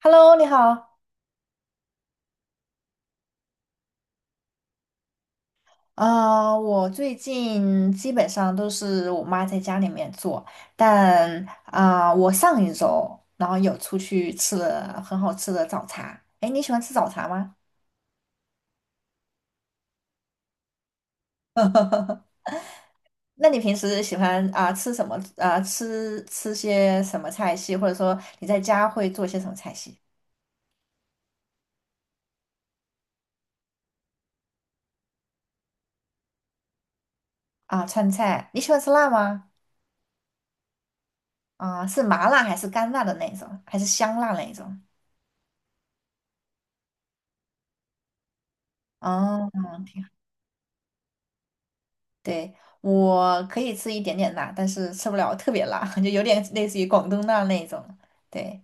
Hello，你好。我最近基本上都是我妈在家里面做，但我上一周然后有出去吃了很好吃的早茶。哎，你喜欢吃早茶吗？那你平时喜欢吃什么？吃些什么菜系，或者说你在家会做些什么菜系？川菜，你喜欢吃辣吗？是麻辣还是干辣的那种，还是香辣那种？哦，对，我可以吃一点点辣，但是吃不了特别辣，就有点类似于广东辣那种。对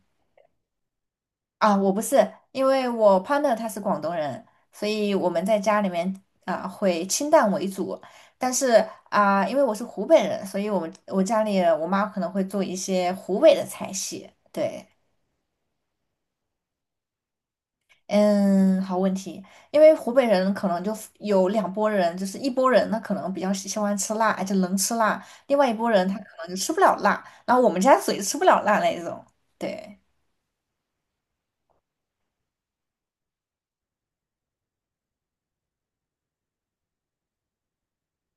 啊，我不是，因为我 partner 他是广东人，所以我们在家里面会清淡为主。但是因为我是湖北人，所以我们我家里我妈可能会做一些湖北的菜系。对。嗯，好问题，因为湖北人可能就有两拨人，就是一拨人他可能比较喜欢吃辣，而且能吃辣；另外一拨人他可能就吃不了辣，然后我们家属于吃不了辣那一种。对，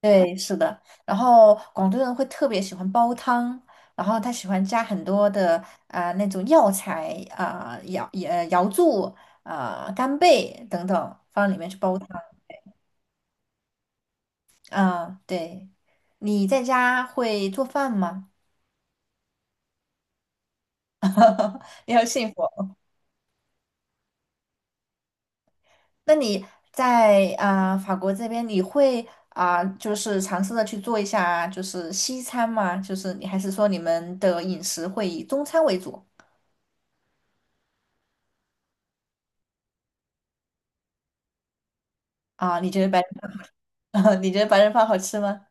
对，是的。然后广东人会特别喜欢煲汤，然后他喜欢加很多的那种药材、瑶柱、干贝等等放里面去煲汤。对，你在家会做饭吗？你好幸福。那你在法国这边，你会就是尝试着去做一下就是西餐吗？就是你还是说你们的饮食会以中餐为主。你觉得白 你觉得白人饭好吃吗？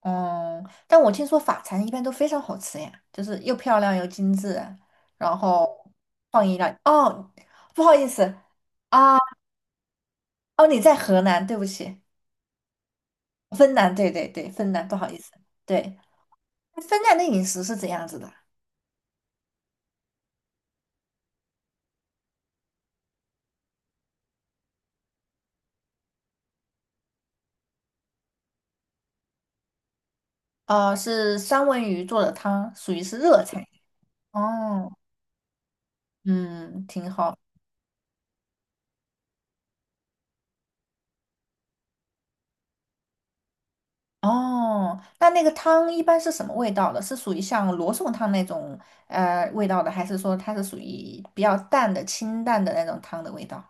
嗯，但我听说法餐一般都非常好吃呀，就是又漂亮又精致，然后创意料。哦，不好意思啊，哦，你在河南，对不起，芬兰，对对对，芬兰，不好意思，对，芬兰的饮食是怎样子的？哦，是三文鱼做的汤，属于是热菜。哦，嗯，挺好。哦，那那个汤一般是什么味道的？是属于像罗宋汤那种味道的，还是说它是属于比较淡的、清淡的那种汤的味道？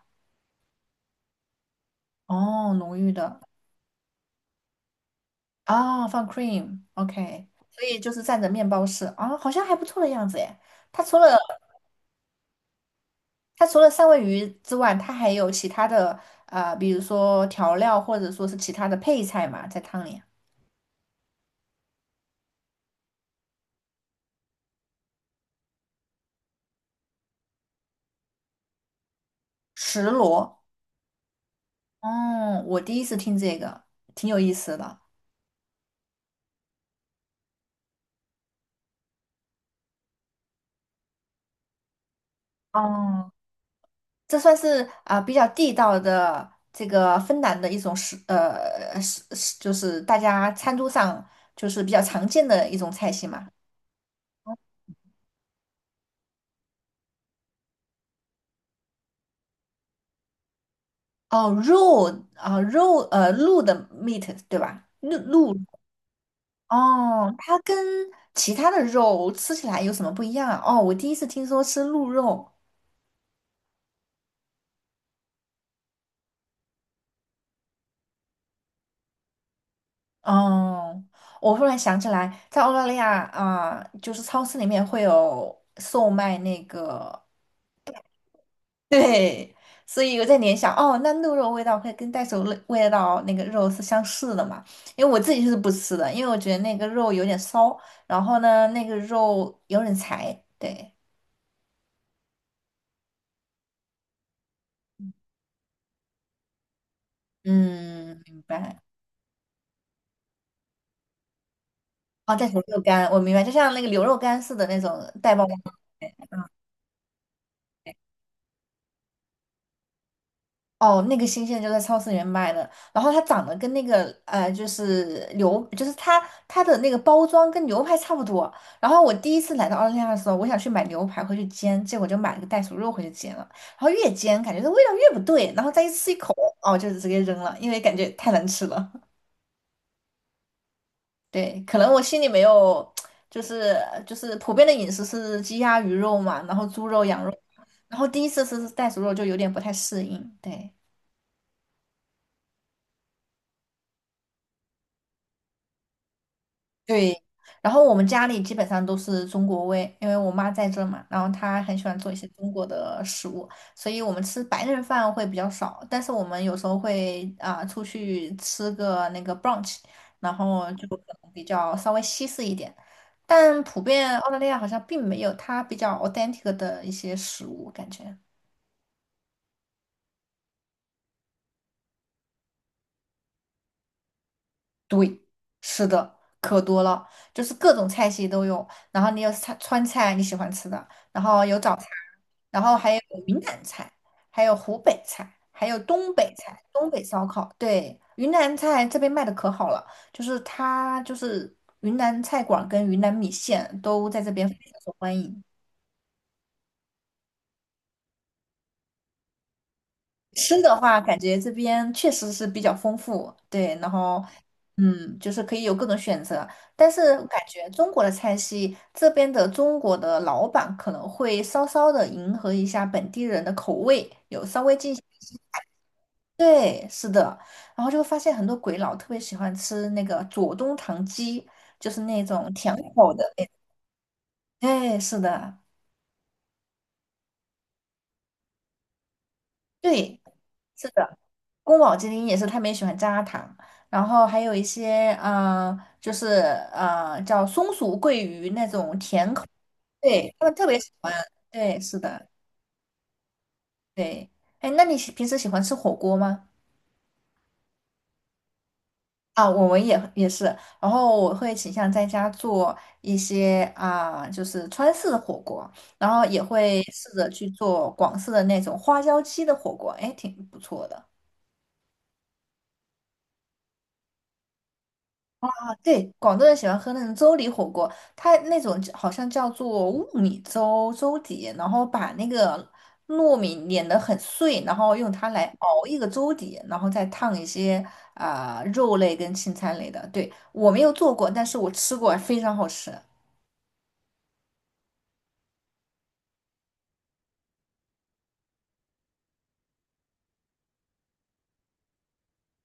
哦，浓郁的。哦，放 cream，OK，所以就是蘸着面包吃，好像还不错的样子诶。它除了它除了三文鱼之外，它还有其他的比如说调料或者说是其他的配菜嘛，在汤里。石螺。哦，我第一次听这个，挺有意思的。哦，这算是比较地道的这个芬兰的一种食，就是大家餐桌上就是比较常见的一种菜系嘛。哦，肉啊、肉呃鹿的 meat 对吧？哦，它跟其他的肉吃起来有什么不一样啊？哦，我第一次听说吃鹿肉。哦，我忽然想起来，在澳大利亚啊，就是超市里面会有售卖那个，对，所以我在联想，哦，那鹿肉味道会跟袋鼠味道那个肉是相似的嘛？因为我自己是不吃的，因为我觉得那个肉有点骚，然后呢，那个肉有点柴，对，嗯，明白。哦，袋鼠肉干，我明白，就像那个牛肉干似的那种袋包装。哦，那个新鲜就在超市里面卖的，然后它长得跟那个就是牛，就是它的那个包装跟牛排差不多。然后我第一次来到澳大利亚的时候，我想去买牛排回去煎，结果就买了个袋鼠肉回去煎了。然后越煎感觉这味道越不对，然后再一吃一口，哦，就直接扔了，因为感觉太难吃了。对，可能我心里没有，就是就是普遍的饮食是鸡鸭鱼肉嘛，然后猪肉羊肉，然后第一次吃袋鼠肉就有点不太适应，对。对，然后我们家里基本上都是中国味，因为我妈在这儿嘛，然后她很喜欢做一些中国的食物，所以我们吃白人饭会比较少，但是我们有时候会出去吃个那个 brunch，然后就可能比较稍微西式一点，但普遍澳大利亚好像并没有它比较 authentic 的一些食物感觉。对，是的，可多了，就是各种菜系都有。然后你有菜川菜你喜欢吃的，然后有早餐，然后还有云南菜，还有湖北菜，还有东北菜，东北烧烤。对，云南菜这边卖的可好了，就是它就是云南菜馆儿跟云南米线都在这边非常受欢迎。吃的话，感觉这边确实是比较丰富，对，然后嗯，就是可以有各种选择。但是感觉中国的菜系，这边的中国的老板可能会稍稍的迎合一下本地人的口味，有稍微进行。对，是的，然后就会发现很多鬼佬特别喜欢吃那个左宗棠鸡，就是那种甜口的那。对，是的，对，是的。宫保鸡丁也是他们也喜欢加糖，然后还有一些就是叫松鼠桂鱼那种甜口，对，他们特别喜欢。对，是的，对。哎，那你平时喜欢吃火锅吗？啊，我们也是，然后我会倾向在家做一些就是川式的火锅，然后也会试着去做广式的那种花椒鸡的火锅，哎，挺不错的。对，广东人喜欢喝那种粥底火锅，它那种好像叫做雾米粥粥底，然后把那个糯米碾得很碎，然后用它来熬一个粥底，然后再烫一些肉类跟青菜类的。对，我没有做过，但是我吃过，非常好吃。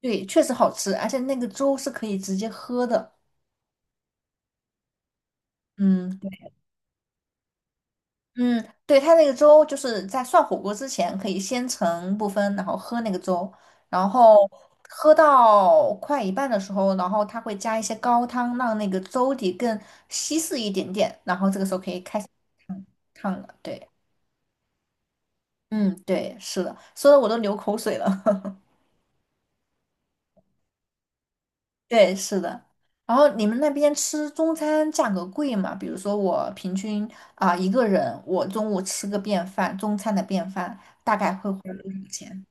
对，确实好吃，而且那个粥是可以直接喝的。嗯，嗯，对，它那个粥就是在涮火锅之前可以先盛部分，然后喝那个粥，然后喝到快一半的时候，然后它会加一些高汤，让那个粥底更稀释一点点，然后这个时候可以开始烫烫了。对，嗯，对，是的，说的我都流口水了。对，是的。然后你们那边吃中餐价格贵吗？比如说我平均一个人，我中午吃个便饭，中餐的便饭大概会花多少钱？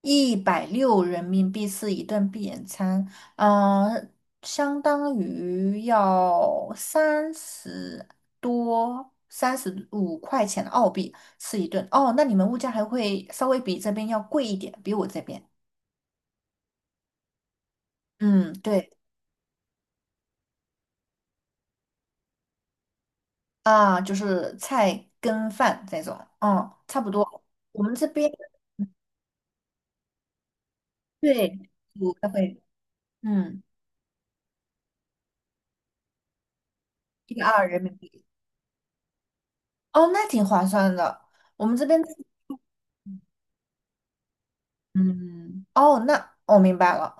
160人民币是一顿闭眼餐，嗯，相当于要三十多、35块钱澳币吃一顿。哦，那你们物价还会稍微比这边要贵一点，比我这边。嗯，对啊，就是菜跟饭这种，嗯，差不多。我们这边对五块会，嗯，120人民币。哦，那挺划算的。我们这边，嗯，哦，那我明白了。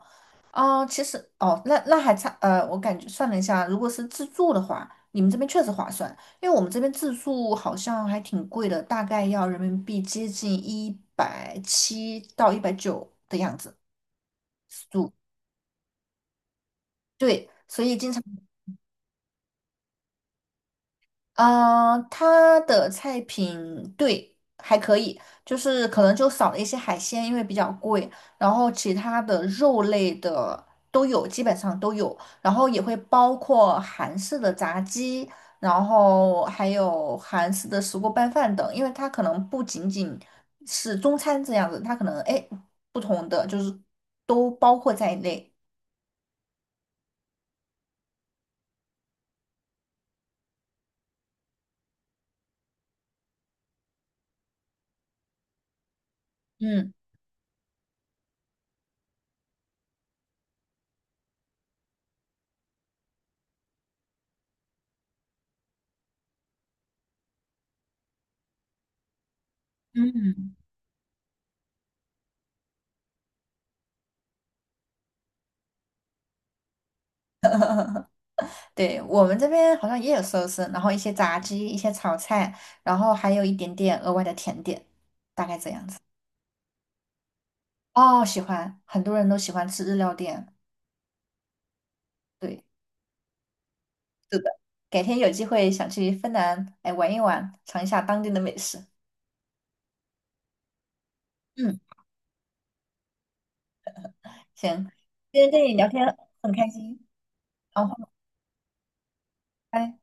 哦，其实哦，那还差，我感觉算了一下，如果是自助的话，你们这边确实划算，因为我们这边自助好像还挺贵的，大概要人民币接近170到190的样子住。对，所以经常。嗯，它的菜品对还可以，就是可能就少了一些海鲜，因为比较贵。然后其他的肉类的都有，基本上都有。然后也会包括韩式的炸鸡，然后还有韩式的石锅拌饭等。因为它可能不仅仅是中餐这样子，它可能哎不同的就是都包括在内。嗯。嗯。对，我们这边好像也有寿司，然后一些炸鸡，一些炒菜，然后还有一点点额外的甜点，大概这样子。哦，喜欢，很多人都喜欢吃日料店。对，是的，改天有机会想去芬兰，哎，玩一玩，尝一下当地的美食。嗯，行，今天跟你聊天很开心，好，拜拜。